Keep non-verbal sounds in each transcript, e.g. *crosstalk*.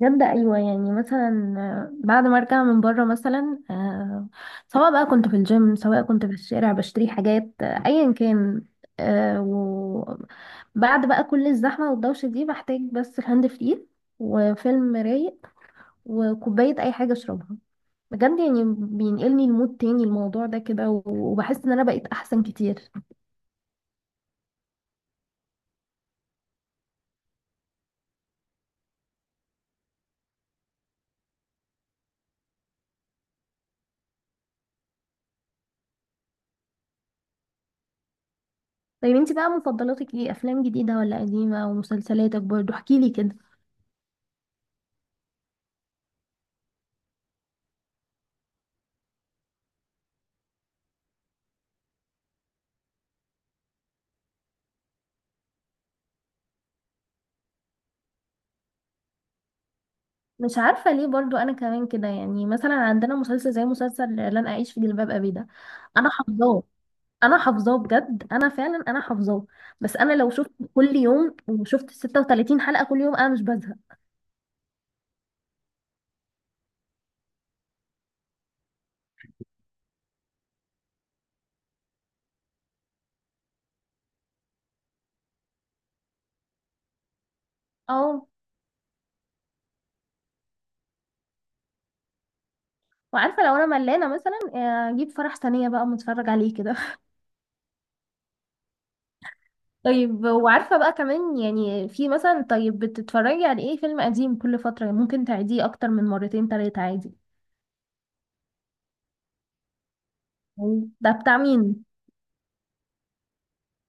جامدة، أيوة، يعني مثلا بعد ما أرجع من بره مثلا، سواء بقى كنت في الجيم، سواء كنت في الشارع بشتري حاجات، أيا كان. وبعد بقى كل الزحمة والدوشة دي بحتاج بس الهاند فري، وفيلم رايق، وكوباية أي حاجة أشربها. بجد يعني بينقلني لمود تاني، الموضوع ده كده و- وبحس إن أنا بقيت أحسن كتير. طيب انتي بقى مفضلاتك ايه، أفلام جديدة ولا قديمة؟ ومسلسلاتك برضو احكيلي كده. مش عارفة ليه، برضو أنا كمان كده، يعني مثلا عندنا مسلسل زي مسلسل لن أعيش في جلباب أبي ده. أنا حافظاه، أنا حافظاه بجد، أنا فعلا أنا حافظاه. بس أنا لو شفت كل يوم وشفت 36 حلقة كل يوم أنا مش بزهق. اه، وعارفة لو أنا ملانة مثلا، أجيب فرح ثانية بقى متفرج عليه كده. *laughs* طيب، وعارفة بقى كمان، يعني في مثلا، طيب بتتفرجي على إيه؟ فيلم قديم كل فترة ممكن تعيديه أكتر من مرتين تلاتة عادي؟ ده بتاع مين؟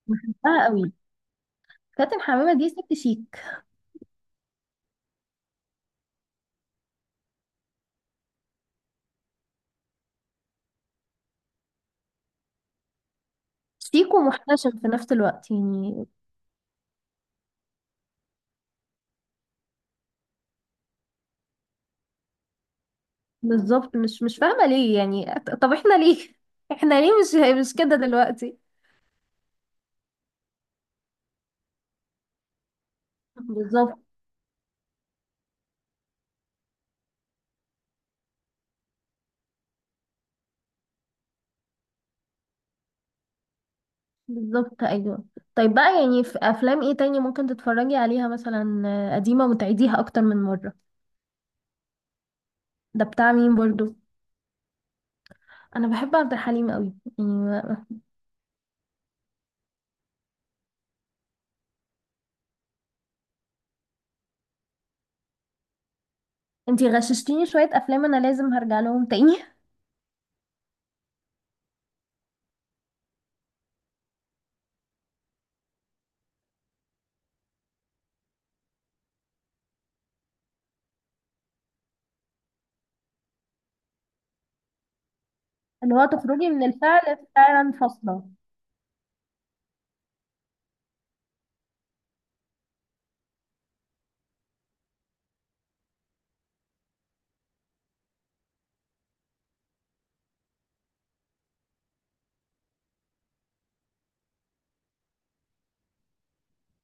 بحبها قوي. فاتن حمامة دي ست شيك، سيكو محتشم في نفس الوقت يعني. بالظبط، مش فاهمة ليه، يعني طب احنا ليه *laughs* احنا ليه مش كده دلوقتي. بالظبط. بالظبط ايوه. طيب بقى، يعني في افلام ايه تاني ممكن تتفرجي عليها مثلا، قديمة وتعيديها اكتر من مرة؟ ده بتاع مين برضو؟ انا بحب عبد الحليم قوي. يعني انتي غششتيني شوية افلام، انا لازم هرجع لهم تاني *laughs* اللي هو تخرجي من الفعل فعلا فاصلة.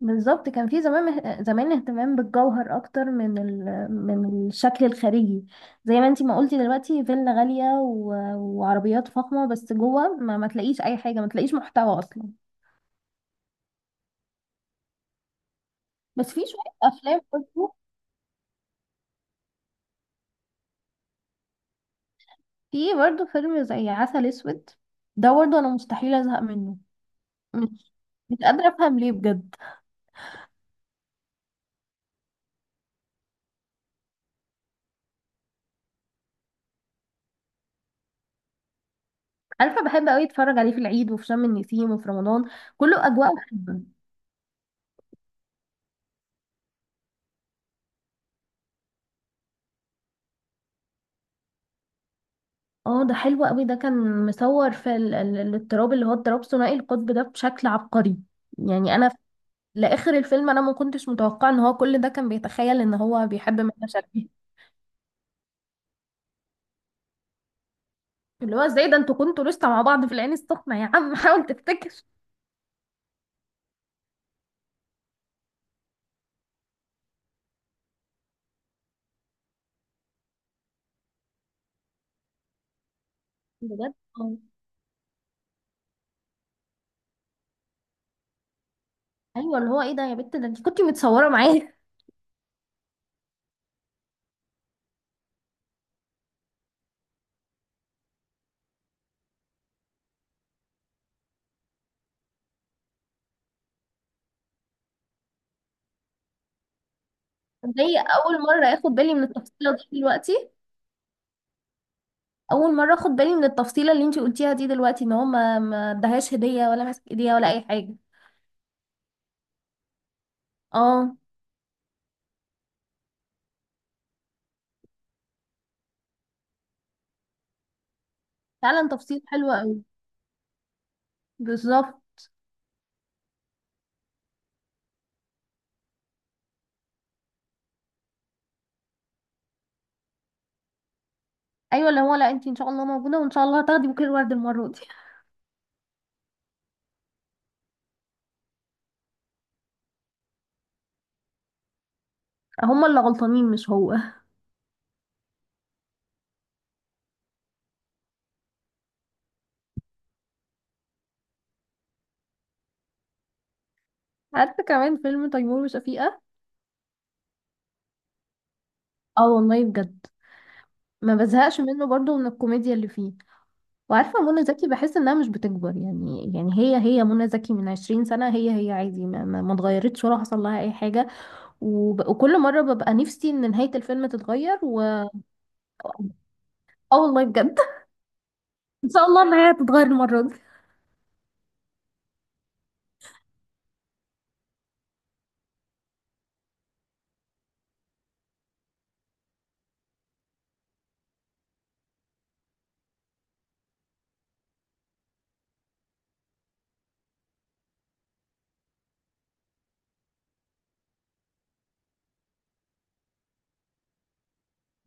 بالظبط، كان في زمان زمان اهتمام بالجوهر اكتر من من الشكل الخارجي، زي ما انتي ما قلتي دلوقتي، فيلا غالية وعربيات فخمة، بس جوه ما تلاقيش اي حاجة، ما تلاقيش محتوى اصلا. بس في شوية افلام برضه، في برضه فيلم زي عسل اسود، ده برضه انا مستحيل ازهق منه. مش مش قادرة افهم ليه بجد. عارفة، بحب قوي اتفرج عليه في العيد وفي شم النسيم وفي رمضان، كله اجواء بحبها. اه، ده حلو قوي، ده كان مصور في الاضطراب، اللي هو اضطراب ثنائي القطب ده، بشكل عبقري. يعني انا لاخر الفيلم انا ما كنتش متوقعه ان هو كل ده كان بيتخيل ان هو بيحب منة شلبي. اللي هو ازاي ده، انتوا كنتوا لسه مع بعض في العين السخنه يا عم *laughs* حاول تفتكر. بجد اه. ايوه، اللي هو ايه ده يا بت؟ ده انت كنتي متصوره معايا. زي اول مره اخد بالي من التفصيله دي دلوقتي. اول مره اخد بالي من التفصيله اللي انت قلتيها دي دلوقتي، ان هو ما ادهاش هديه، ولا ماسك ايديها، ولا اي حاجه. اه، فعلا تفصيل حلو قوي. بالظبط. ايوه اللي هو، لا انت ان شاء الله موجوده، وان شاء الله هتاخدي بوكيه الورد المره دي. هما اللي غلطانين مش هو. عارفه كمان فيلم تيمور وشفيقه. اه والله بجد، ما بزهقش منه برضو من الكوميديا اللي فيه. وعارفه منى زكي بحس انها مش بتكبر، يعني هي منى زكي من 20 سنه، هي عادي، ما اتغيرتش ولا حصل لها اي حاجه. وكل مره ببقى نفسي ان نهايه الفيلم تتغير، و والله بجد *laughs* ان شاء الله النهايه تتغير المره دي.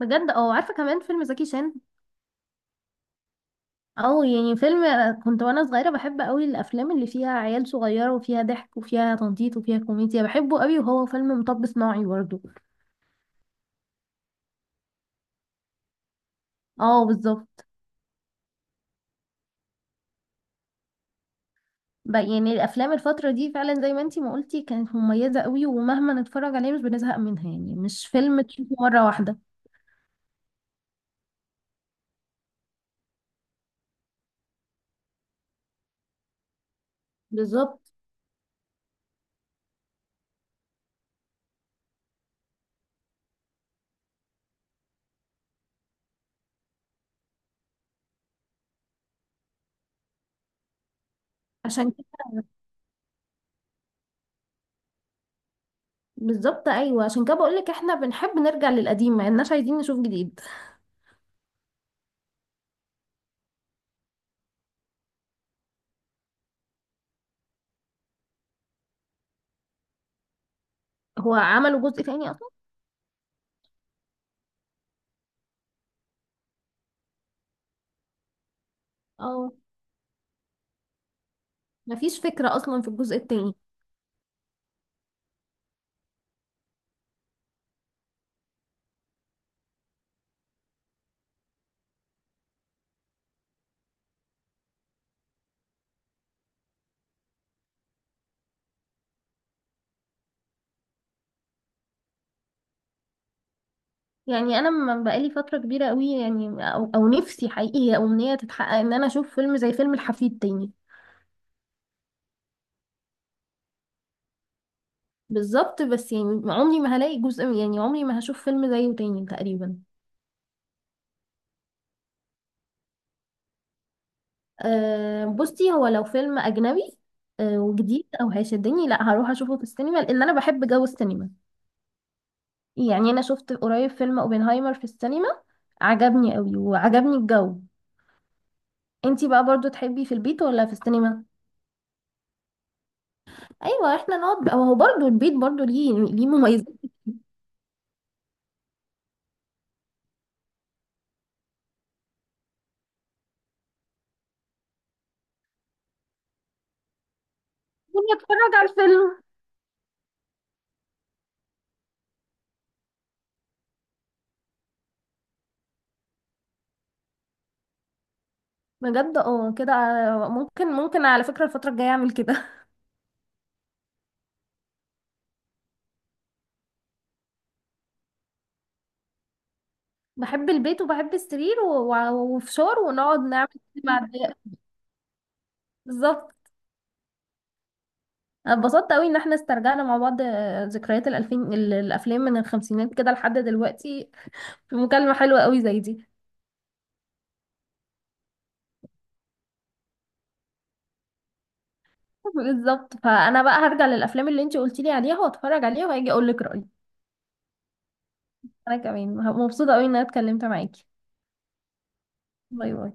بجد اه، عارفه كمان فيلم زكي شان. او يعني فيلم، كنت وانا صغيره بحب قوي الافلام اللي فيها عيال صغيره وفيها ضحك وفيها تنطيط وفيها كوميديا، بحبه قوي، وهو فيلم مطب صناعي برضه. اه بالظبط. يعني الافلام الفتره دي فعلا زي ما انتي ما قلتي كانت مميزه قوي، ومهما نتفرج عليه مش بنزهق منها، يعني مش فيلم تشوفه مره واحده. بالظبط. عشان كده بالظبط ايوه، عشان كده بقول لك احنا بنحب نرجع للقديم، ما اناش عايزين نشوف جديد. هو عملوا جزء تاني اصلا؟ اه، مفيش فكره اصلا في الجزء التاني. يعني انا من بقالي فتره كبيره قوي يعني، أو نفسي حقيقي هي امنيه تتحقق، ان انا اشوف فيلم زي فيلم الحفيد تاني. بالظبط، بس يعني عمري ما هلاقي جزء، يعني عمري ما هشوف فيلم زيه تاني تقريبا. أه بصي، هو لو فيلم اجنبي وجديد او هيشدني، لا هروح اشوفه في السينما، لان انا بحب جو السينما. يعني انا شفت قريب فيلم اوبنهايمر في السينما، عجبني قوي وعجبني الجو. انتي بقى برضو تحبي في البيت ولا في السينما؟ ايوه احنا نقعد بقى- هو برضو البيت برضو ليه مميزات. اتفرج على الفيلم. بجد اه كده، ممكن على فكرة الفترة الجاية اعمل كده. *laughs* بحب البيت وبحب السرير و- و- وفشار، ونقعد نعمل كده مع الضيق. *laughs* بالظبط. أنا اتبسطت قوي ان احنا استرجعنا مع بعض، ذكريات الالفين، الافلام من الخمسينات كده لحد دلوقتي. في مكالمة حلوة قوي زي دي. *laughs* بالظبط، فانا بقى هرجع للافلام اللي انتي قلتي لي عليها واتفرج عليها، وهاجي اقول لك رأيي. انا كمان مبسوطة قوي ان انا اتكلمت معاكي. باي باي.